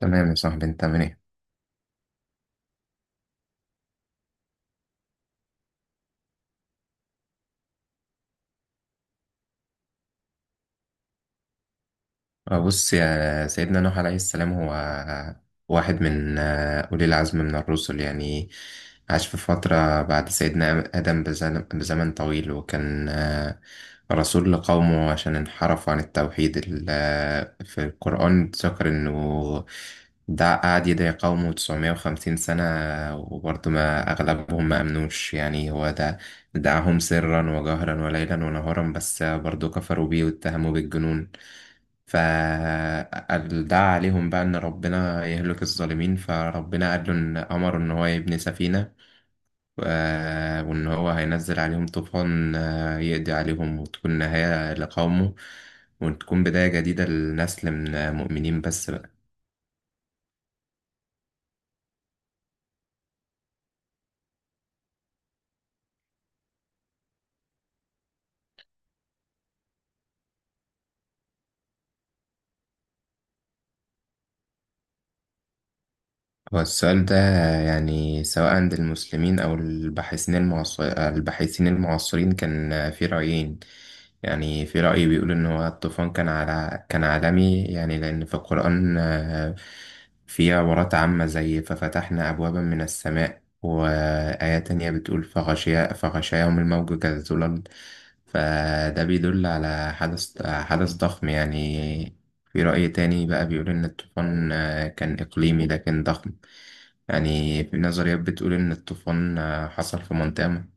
تمام يا صاحبي، انت عامل ايه؟ بص، يا سيدنا نوح عليه السلام هو واحد من أولي العزم من الرسل يعني. عاش في فترة بعد سيدنا آدم بزمن طويل، وكان رسول لقومه عشان انحرفوا عن التوحيد. في القرآن ذكر إنه ده قعد يدعي قومه 950 سنة، وبرضه ما أغلبهم ما أمنوش يعني. هو ده دعاهم سرا وجهرا وليلا ونهارا، بس برضه كفروا بيه واتهموا بالجنون، فدعا عليهم بقى إن ربنا يهلك الظالمين. فربنا قال له إن أمره إن هو يبني سفينة و- وإن هو هينزل عليهم طوفان يقضي عليهم وتكون نهاية لقومه، وتكون بداية جديدة لنسل من مؤمنين بس بقى. هو السؤال ده يعني، سواء عند المسلمين أو الباحثين الباحثين المعاصرين، كان في رأيين. يعني في رأي بيقول إن هو الطوفان كان كان عالمي، يعني لأن في القرآن في عبارات عامة زي ففتحنا أبوابا من السماء، وآية تانية بتقول فغشاهم الموج كالظلل، فده بيدل على حدث ضخم يعني. في رأي تاني بقى بيقول إن الطوفان كان إقليمي لكن ضخم، يعني في نظريات بتقول إن الطوفان حصل في مونتانا.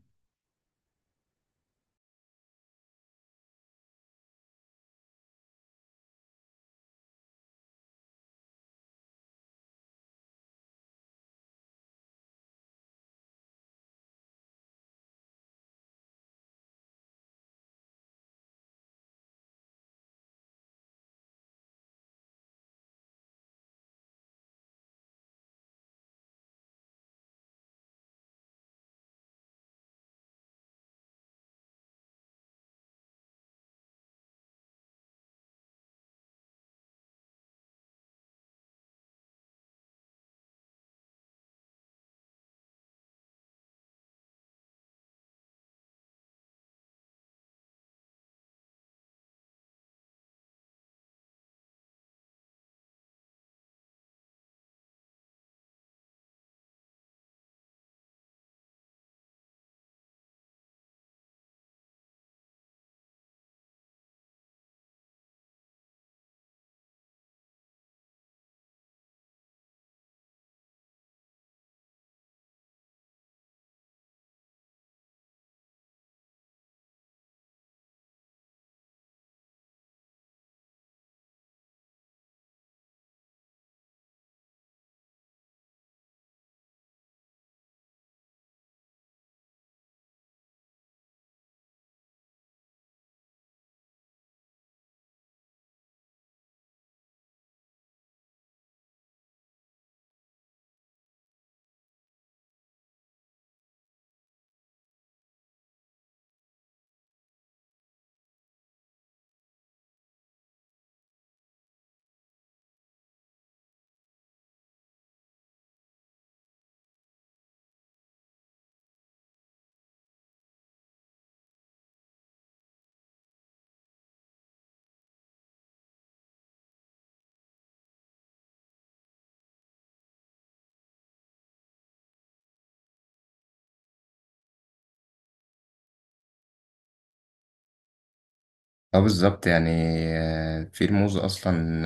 اه، بالظبط يعني. في رموز أصلا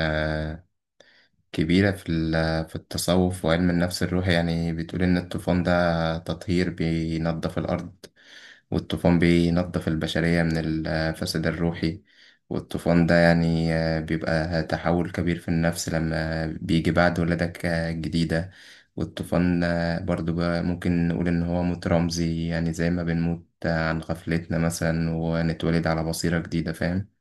كبيرة في ال- آه، في التصوف وعلم النفس الروحي، يعني بتقول إن الطوفان ده تطهير بينظف الأرض، والطوفان بينظف البشرية من الفساد الروحي. والطوفان ده يعني بيبقى تحول كبير في النفس، لما بيجي بعد ولادك جديدة. والطوفان برضو بقى ممكن نقول إن هو موت رمزي، يعني زي ما بنموت عن غفلتنا مثلا، ونتولد على بصيرة جديدة، فاهم؟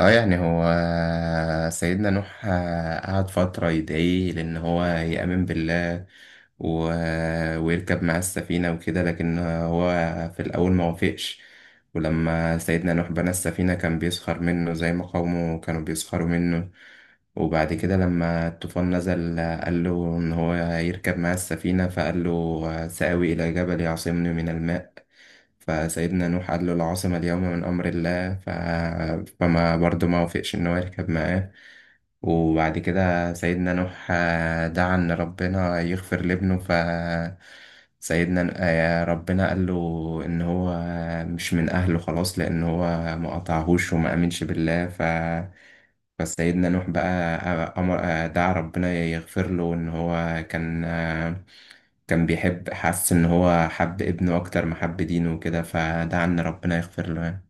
اه يعني هو سيدنا نوح قعد فترة يدعيه لأن هو يأمن بالله و... ويركب معاه السفينة وكده، لكن هو في الأول ما وافقش. ولما سيدنا نوح بنى السفينة، كان بيسخر منه زي ما قومه كانوا بيسخروا منه. وبعد كده لما الطوفان نزل قال له إن هو يركب معاه السفينة، فقال له سآوي إلى جبل يعصمني من الماء، فسيدنا نوح قال له العاصمة اليوم من أمر الله. فما برضه ما وافقش إن هو يركب معاه. وبعد كده سيدنا نوح دعا إن ربنا يغفر لابنه، ف سيدنا آه، ربنا قال له إن هو مش من أهله خلاص، لأن هو ما قطعهوش وما آمنش بالله ف. فسيدنا نوح بقى آه، أمر آه، دعا ربنا يغفر له، إن هو كان كان بيحب، حس ان هو حب ابنه اكتر ما حب دينه وكده، فدعا ان ربنا يغفر له يعني.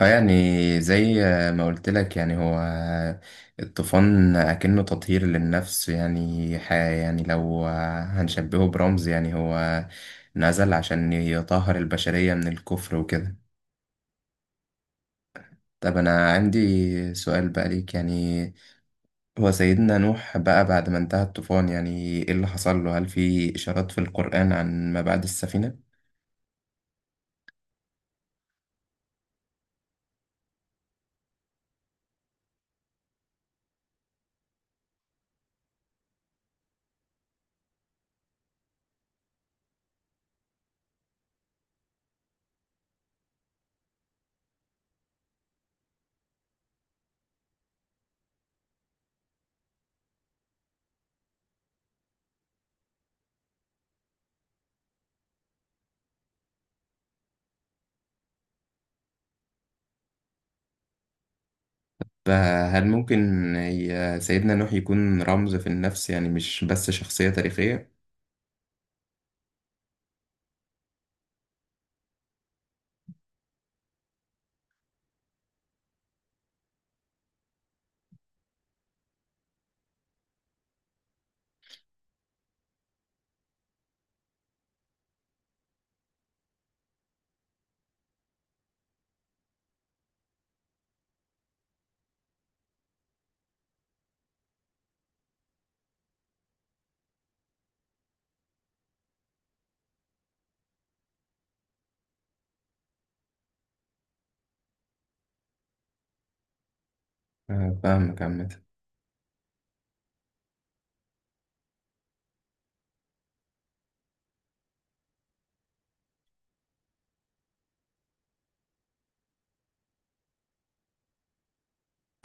اه يعني زي ما قلت لك، يعني هو الطوفان اكنه تطهير للنفس، يعني يعني لو هنشبهه برمز، يعني هو نزل عشان يطهر البشرية من الكفر وكده. طب انا عندي سؤال بقى ليك يعني، هو سيدنا نوح بقى بعد ما انتهى الطوفان يعني، ايه اللي حصل له؟ هل في اشارات في القرآن عن ما بعد السفينة؟ فهل ممكن سيدنا نوح يكون رمز في النفس، يعني مش بس شخصية تاريخية؟ فاهمك. عامة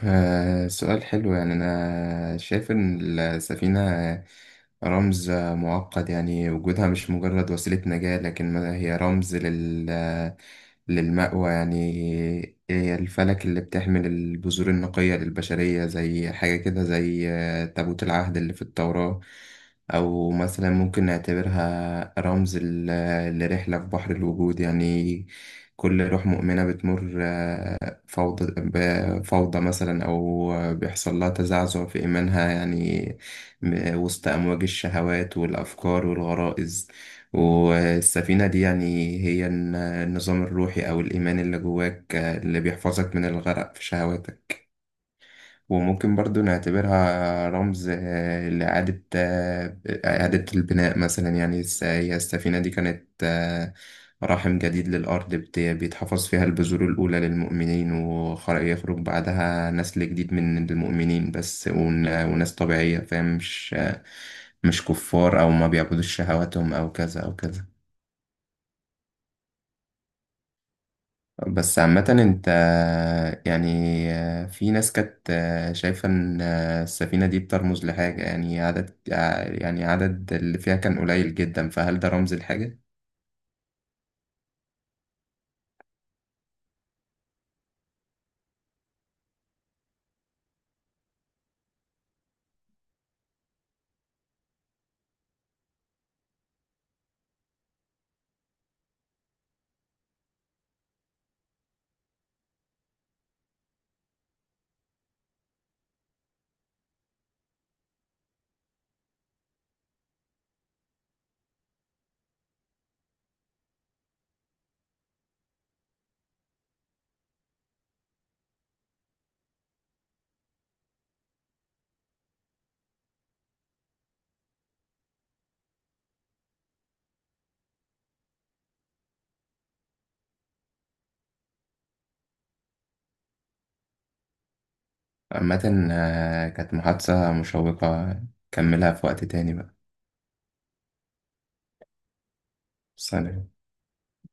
سؤال حلو، يعني أنا شايف إن السفينة رمز معقد، يعني وجودها مش مجرد وسيلة نجاة، لكن هي رمز للمأوى، يعني هي الفلك اللي بتحمل البذور النقية للبشرية، زي حاجة كده زي تابوت العهد اللي في التوراة. أو مثلا ممكن نعتبرها رمز لرحلة في بحر الوجود يعني. كل روح مؤمنة بتمر آه، فوضى بفوضى مثلا، أو بيحصل لها تزعزع في إيمانها، يعني وسط أمواج الشهوات والأفكار والغرائز. والسفينة دي يعني هي النظام الروحي أو الإيمان اللي جواك اللي بيحفظك من الغرق في شهواتك. وممكن برضو نعتبرها رمز آه، لإعادة آه، إعادة البناء مثلا، يعني هي السفينة دي كانت رحم جديد للأرض، بيتحفظ فيها البذور الأولى للمؤمنين، ويخرج بعدها نسل جديد من المؤمنين بس، وناس طبيعية، فاهم؟ مش مش كفار أو ما بيعبدوش شهواتهم أو كذا أو كذا. بس عامة انت يعني، في ناس كانت شايفة ان السفينة دي بترمز لحاجة، يعني يعني عدد اللي فيها كان قليل جدا، فهل ده رمز لحاجة؟ عامة كانت محادثة مشوقة، كملها في وقت تاني بقى. سلام.